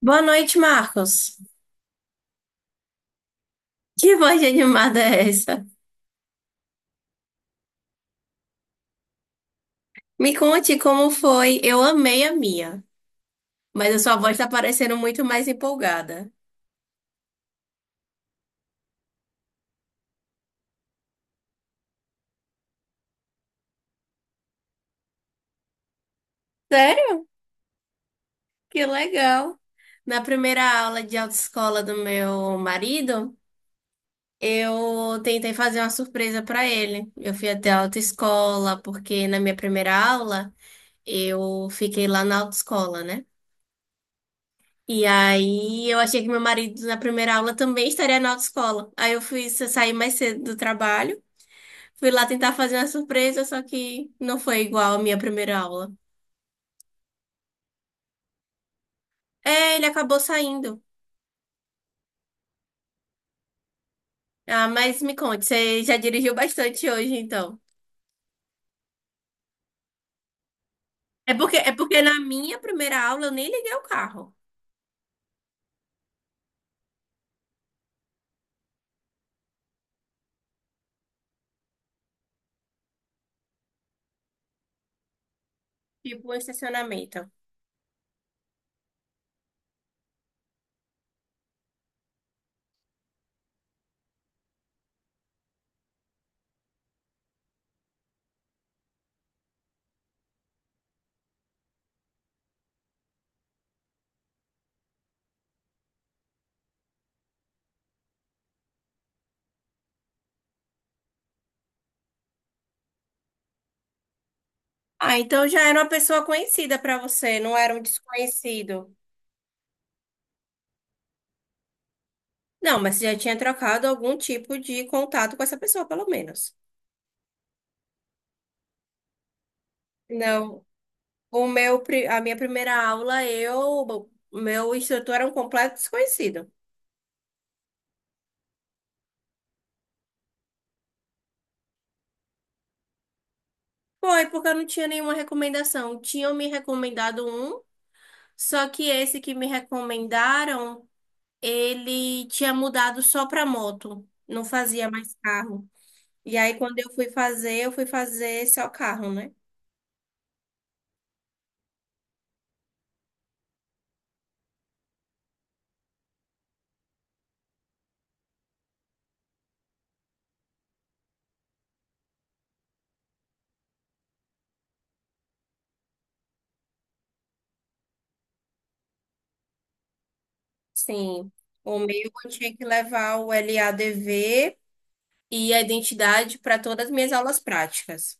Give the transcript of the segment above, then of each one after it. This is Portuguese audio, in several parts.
Boa noite, Marcos. Que voz de animada é essa? Me conte como foi. Eu amei a minha, mas a sua voz tá parecendo muito mais empolgada. Sério? Que legal. Na primeira aula de autoescola do meu marido, eu tentei fazer uma surpresa pra ele. Eu fui até a autoescola, porque na minha primeira aula, eu fiquei lá na autoescola, né? E aí eu achei que meu marido na primeira aula também estaria na autoescola. Aí eu fui sair mais cedo do trabalho. Fui lá tentar fazer uma surpresa, só que não foi igual à minha primeira aula. É, ele acabou saindo. Ah, mas me conte, você já dirigiu bastante hoje, então. É porque na minha primeira aula eu nem liguei o carro. Tipo, o estacionamento. Ah, então já era uma pessoa conhecida pra você, não era um desconhecido. Não, mas você já tinha trocado algum tipo de contato com essa pessoa, pelo menos. Não, a minha primeira aula, o meu instrutor era um completo desconhecido. Foi, porque eu não tinha nenhuma recomendação. Tinham me recomendado um, só que esse que me recomendaram, ele tinha mudado só para moto, não fazia mais carro. E aí, quando eu fui fazer só carro, né? Sim. O meu eu tinha que levar o LADV e a identidade para todas as minhas aulas práticas.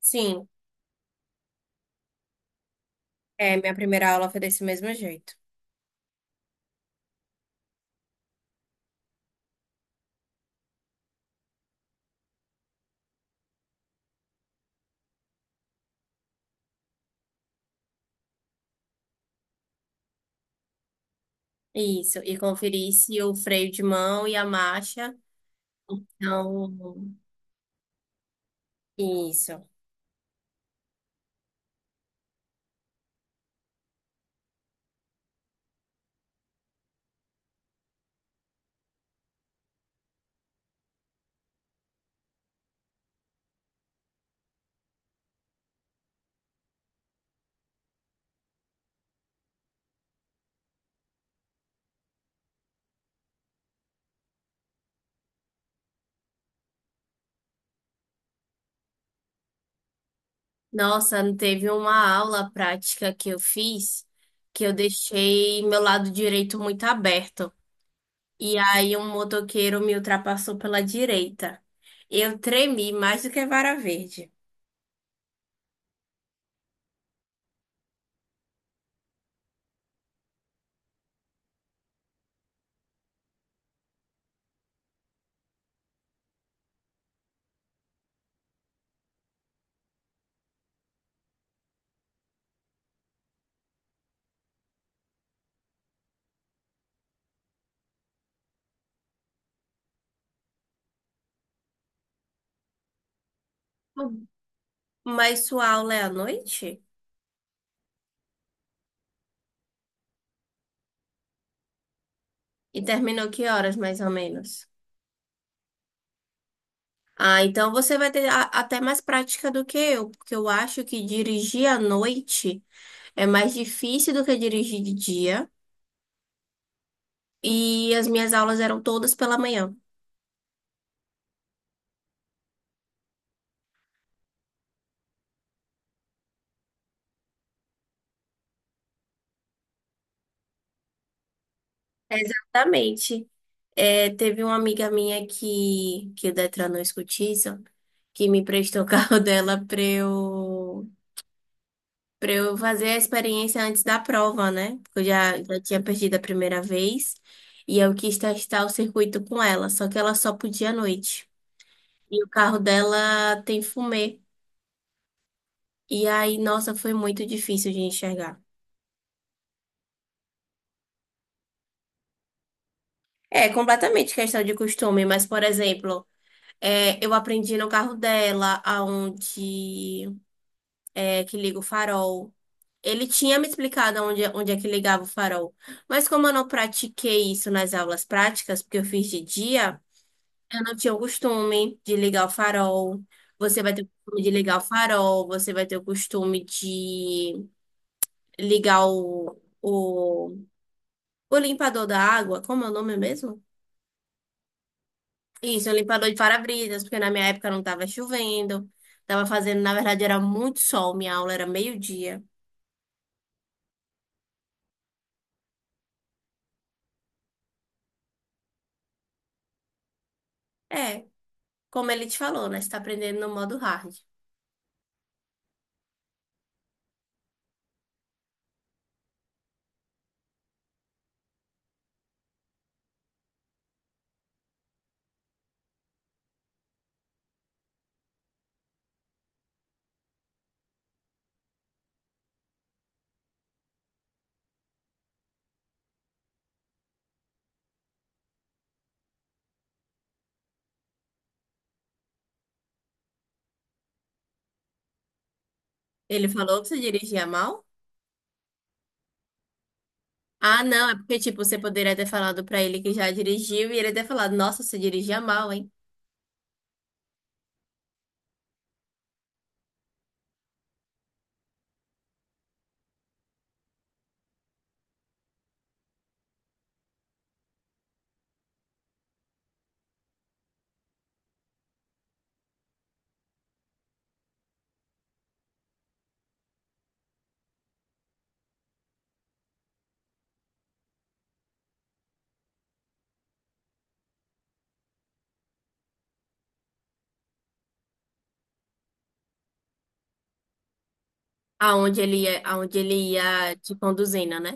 Sim, é, minha primeira aula foi desse mesmo jeito. Isso, e conferir se o freio de mão e a marcha. Não. Isso. Nossa, teve uma aula prática que eu fiz que eu deixei meu lado direito muito aberto. E aí um motoqueiro me ultrapassou pela direita. Eu tremi mais do que vara verde. Mas sua aula é à noite? E terminou que horas, mais ou menos? Ah, então você vai ter até mais prática do que eu, porque eu acho que dirigir à noite é mais difícil do que dirigir de dia. E as minhas aulas eram todas pela manhã. Exatamente. É, teve uma amiga minha que o Detran não escutiça, que me prestou o carro dela pra eu fazer a experiência antes da prova, né? Porque já tinha perdido a primeira vez e eu quis testar o circuito com ela, só que ela só podia à noite. E o carro dela tem fumê. E aí, nossa, foi muito difícil de enxergar. É completamente questão de costume, mas, por exemplo, é, eu aprendi no carro dela, aonde. É, que liga o farol. Ele tinha me explicado onde é que ligava o farol. Mas como eu não pratiquei isso nas aulas práticas, porque eu fiz de dia, eu não tinha o costume de ligar o farol. Você vai ter o costume de ligar o farol, você vai ter o costume de ligar o limpador da água. Como é o nome mesmo? Isso, o limpador de para-brisas, porque na minha época não estava chovendo. Estava fazendo, na verdade, era muito sol, minha aula era meio-dia. É. Como ele te falou, né? Você tá aprendendo no modo hard. Ele falou que você dirigia mal? Ah, não, é porque, tipo, você poderia ter falado pra ele que já dirigiu e ele ter falado, nossa, você dirigia mal, hein? Aonde ele ia te conduzindo, né?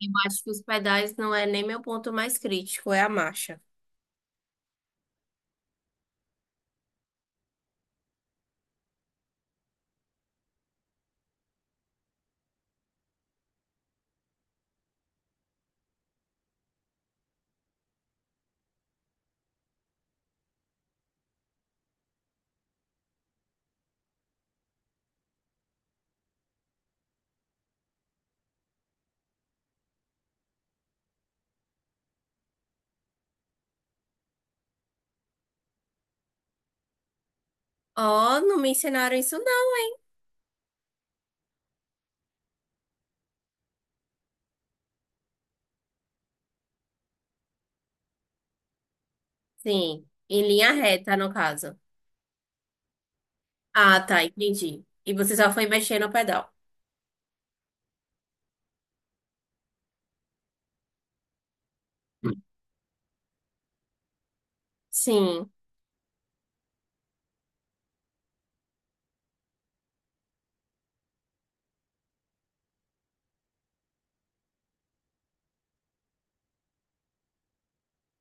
Eu acho que os pedais não é nem meu ponto mais crítico, é a marcha. Oh, não me ensinaram isso, não, hein? Sim, em linha reta, no caso. Ah, tá, entendi. E você só foi mexer no pedal. Sim,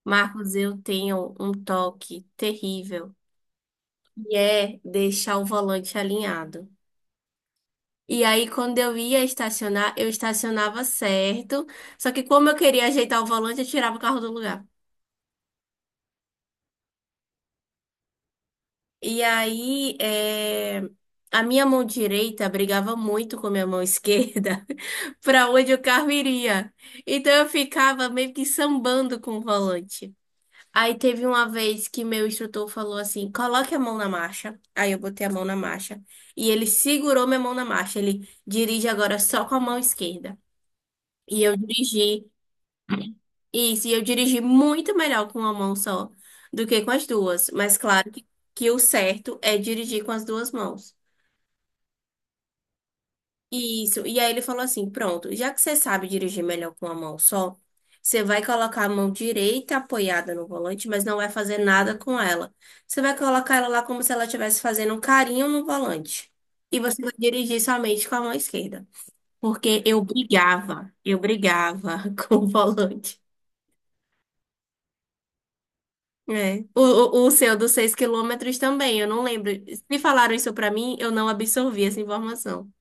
Marcos, eu tenho um toque terrível. E é deixar o volante alinhado. E aí, quando eu ia estacionar, eu estacionava certo. Só que como eu queria ajeitar o volante, eu tirava o carro do lugar. E aí, é, a minha mão direita brigava muito com a minha mão esquerda para onde o carro iria. Então eu ficava meio que sambando com o volante. Aí teve uma vez que meu instrutor falou assim: coloque a mão na marcha. Aí eu botei a mão na marcha. E ele segurou minha mão na marcha. Ele dirige agora só com a mão esquerda. E eu dirigi, isso, e eu dirigi muito melhor com uma mão só do que com as duas. Mas claro que o certo é dirigir com as duas mãos. Isso. E aí ele falou assim: pronto, já que você sabe dirigir melhor com a mão só, você vai colocar a mão direita apoiada no volante, mas não vai fazer nada com ela. Você vai colocar ela lá como se ela estivesse fazendo um carinho no volante. E você vai dirigir somente com a mão esquerda. Porque eu brigava com o volante. É. O seu dos 6 km também, eu não lembro. Se falaram isso pra mim, eu não absorvi essa informação.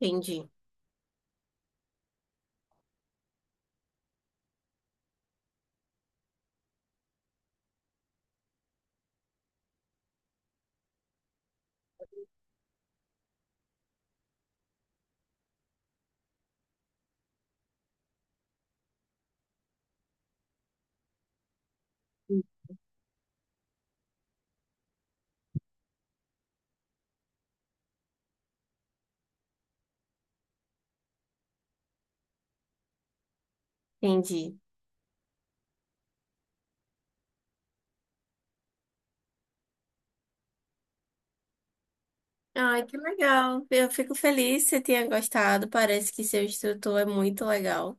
Entendi, entendi. Ai, que legal. Eu fico feliz que você tenha gostado. Parece que seu instrutor é muito legal.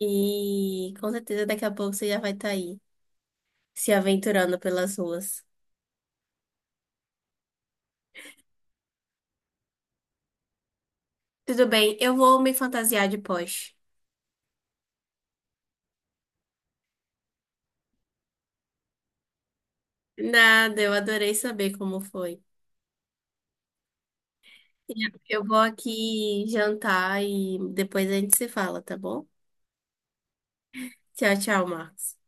E com certeza daqui a pouco você já vai estar aí, se aventurando pelas ruas. Tudo bem, eu vou me fantasiar de Porsche. Nada, eu adorei saber como foi. E eu vou aqui jantar e depois a gente se fala, tá bom? Tchau, tchau, Marcos.